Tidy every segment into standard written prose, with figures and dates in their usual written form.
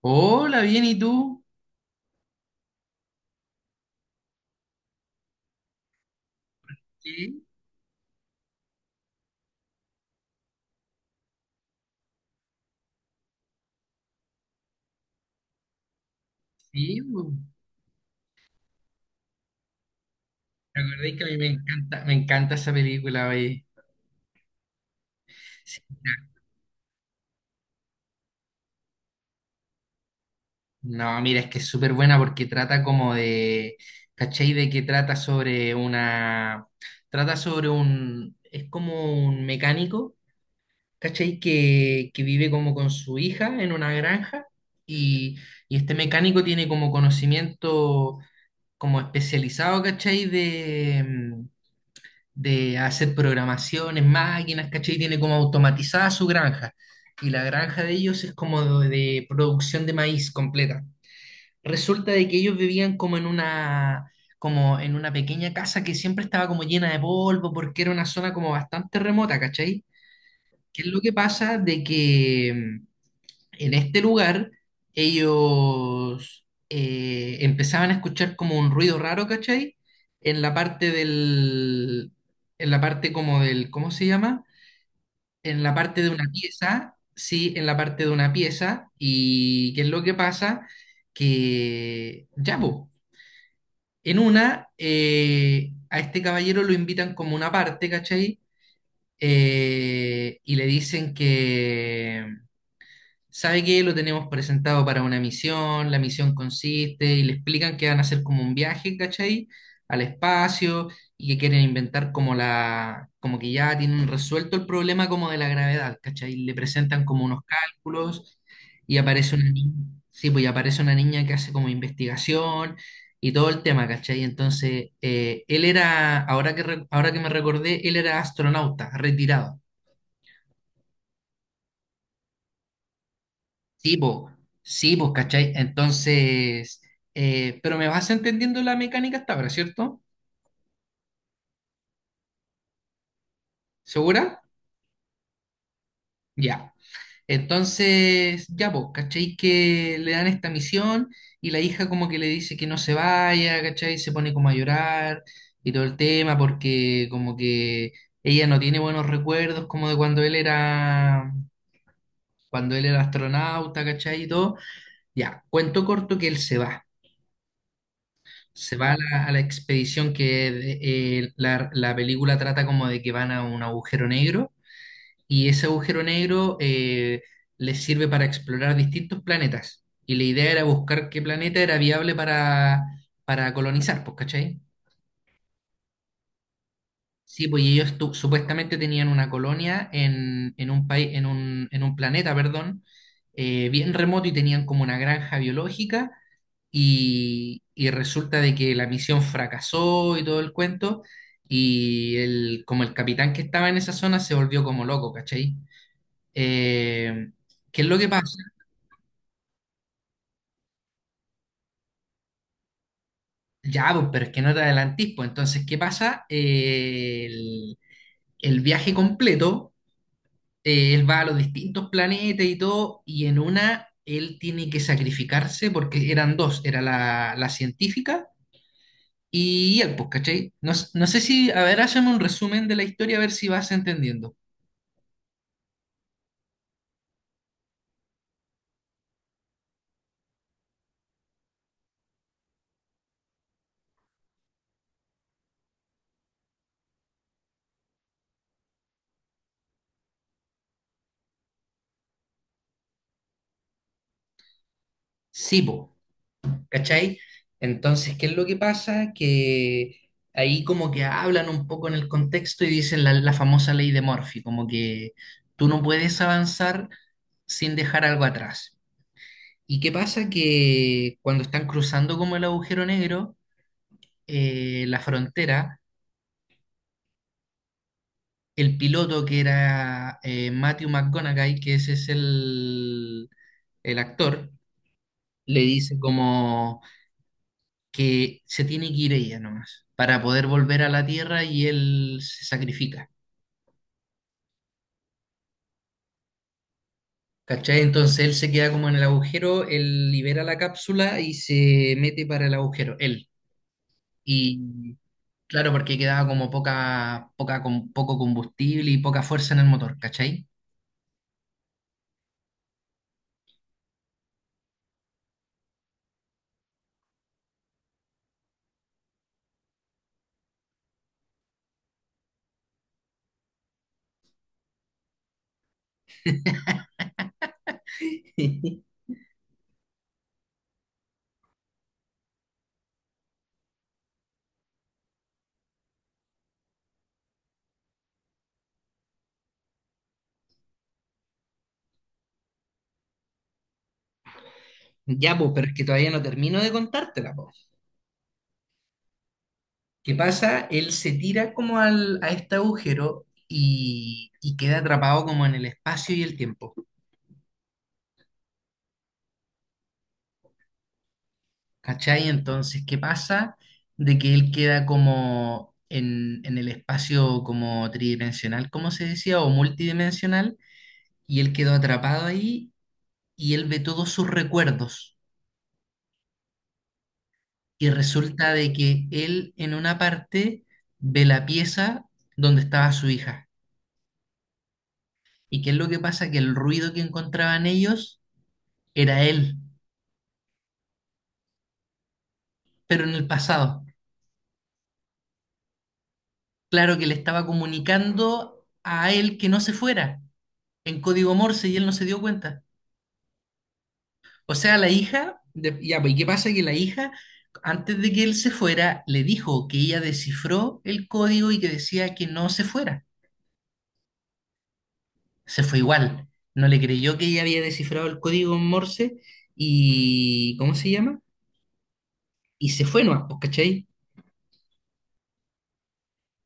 Hola, bien, ¿y tú? Sí, sí, bu. ¿Te acordáis que a mí me encanta esa película, oye? Sí, no, mira, es que es súper buena porque trata como de, ¿cachai? De que trata sobre una, trata sobre un, es como un mecánico, ¿cachai? Que vive como con su hija en una granja y, y este mecánico tiene como conocimiento como especializado, ¿cachai? De hacer programaciones, máquinas, ¿cachai? Tiene como automatizada su granja. Y la granja de ellos es como de, producción de maíz completa. Resulta de que ellos vivían como en una pequeña casa que siempre estaba como llena de polvo porque era una zona como bastante remota, ¿cachai? ¿Qué es lo que pasa? De que en este lugar, ellos empezaban a escuchar como un ruido raro, ¿cachai? En la parte del, en la parte como del, ¿cómo se llama? En la parte de una pieza, sí, en la parte de una pieza. ¿Y qué es lo que pasa? Que, ya, po, a este caballero lo invitan como una parte, ¿cachai? Y le dicen que ¿sabe qué? Lo tenemos presentado para una misión, la misión consiste y le explican que van a hacer como un viaje, ¿cachai? Al espacio y que quieren inventar como que ya tienen resuelto el problema como de la gravedad, ¿cachai? Le presentan como unos cálculos y aparece una niña, sí, pues y aparece una niña que hace como investigación y todo el tema, ¿cachai? Entonces, él era, ahora que me recordé, él era astronauta, retirado. Sí, vos, sí, vos, ¿cachai? Entonces, pero me vas entendiendo la mecánica hasta ahora, ¿cierto? ¿Segura? Ya. Entonces, ya vos, ¿cachai? Que le dan esta misión y la hija como que le dice que no se vaya, ¿cachai? Se pone como a llorar y todo el tema porque como que ella no tiene buenos recuerdos como de cuando él era astronauta, ¿cachai? Y todo. Ya, cuento corto que él se va. Se va a la expedición. La película trata como de que van a un agujero negro y ese agujero negro les sirve para explorar distintos planetas. Y la idea era buscar qué planeta era viable para, colonizar, pues, ¿cachai? Sí, pues y ellos supuestamente tenían una colonia en un país, en un planeta, perdón, bien remoto y tenían como una granja biológica y resulta de que la misión fracasó y todo el cuento, y como el capitán que estaba en esa zona se volvió como loco, ¿cachai? Eh, ¿Qué es lo que pasa? Ya, pues, pero es que no te adelantís, pues entonces, ¿qué pasa? El viaje completo, él va a los distintos planetas y todo, y en una... Él tiene que sacrificarse porque eran dos, era la científica. Y él, pues, ¿cachai? No, no sé si, a ver, hazme un resumen de la historia, a ver si vas entendiendo. Sí, po, ¿cachai? Entonces, ¿qué es lo que pasa? Que ahí como que hablan un poco en el contexto y dicen la famosa ley de Murphy, como que tú no puedes avanzar sin dejar algo atrás. ¿Y qué pasa? Que cuando están cruzando como el agujero negro, la frontera, el piloto que era Matthew McConaughey, que ese es el actor, le dice como que se tiene que ir ella nomás para poder volver a la Tierra y él se sacrifica. ¿Cachai? Entonces él se queda como en el agujero, él libera la cápsula y se mete para el agujero, él. Y claro, porque quedaba como con poco combustible y poca fuerza en el motor, ¿cachai? Ya, pues, pero es que todavía no termino de contártela, po. ¿Qué pasa? Él se tira como a este agujero y queda atrapado como en el espacio y el tiempo. ¿Cachai? Entonces, ¿qué pasa? De que él queda como en el espacio como tridimensional, como se decía, o multidimensional, y él quedó atrapado ahí y él ve todos sus recuerdos. Y resulta de que él en una parte ve la pieza donde estaba su hija. ¿Y qué es lo que pasa? Que el ruido que encontraban ellos era él. Pero en el pasado. Claro que le estaba comunicando a él que no se fuera en código Morse y él no se dio cuenta. O sea, la hija, ya, pues, ¿y qué pasa? Que la hija, antes de que él se fuera, le dijo que ella descifró el código y que decía que no se fuera. Se fue igual. No le creyó que ella había descifrado el código Morse y, ¿cómo se llama? Y se fue nomás, pues, ¿cachai?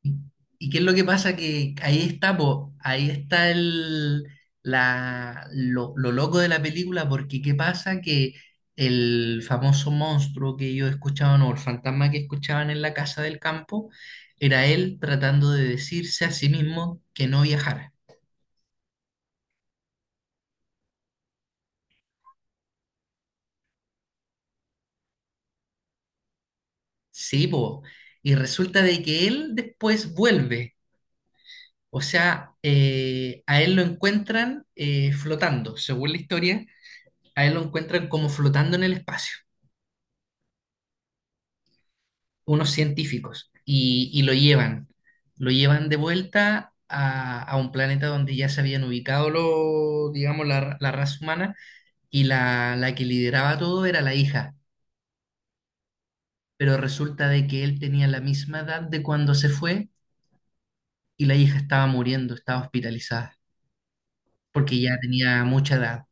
¿Y y qué es lo que pasa? Que ahí está, po, ahí está lo loco de la película, porque ¿qué pasa? Que el famoso monstruo que ellos escuchaban o el fantasma que escuchaban en la casa del campo era él tratando de decirse a sí mismo que no viajara. Sí, po. Y resulta de que él después vuelve, o sea, a él lo encuentran flotando, según la historia, a él lo encuentran como flotando en el espacio. Unos científicos y lo llevan de vuelta a un planeta donde ya se habían ubicado los, digamos, la raza humana y la que lideraba todo era la hija, pero resulta de que él tenía la misma edad de cuando se fue y la hija estaba muriendo, estaba hospitalizada, porque ya tenía mucha edad.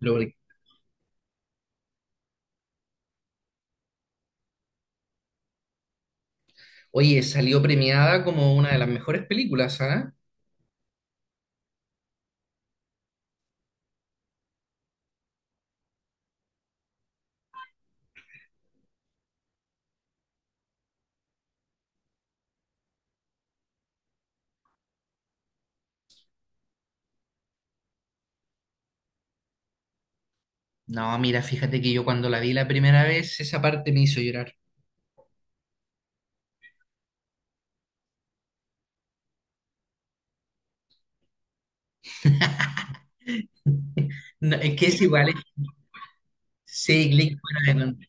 Lo- Oye, salió premiada como una de las mejores películas, ¿ah? No, mira, fíjate que yo cuando la vi la primera vez, esa parte me hizo llorar. No, es que es igual, eh. Sí, Click, bueno,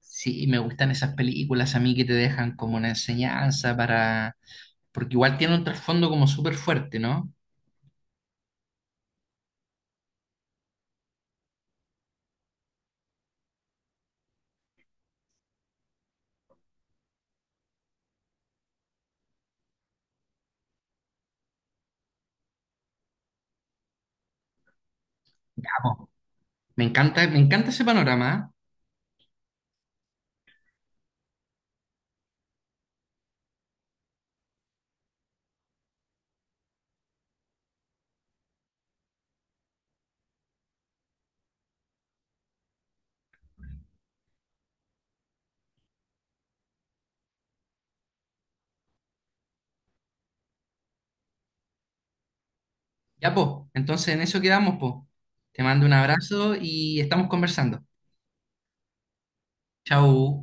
sí, me gustan esas películas a mí que te dejan como una enseñanza porque igual tiene un trasfondo como súper fuerte, ¿no? Ya, po. Me encanta ese panorama, ¿eh? Ya, po, entonces en eso quedamos, po. Te mando un abrazo y estamos conversando. Chau.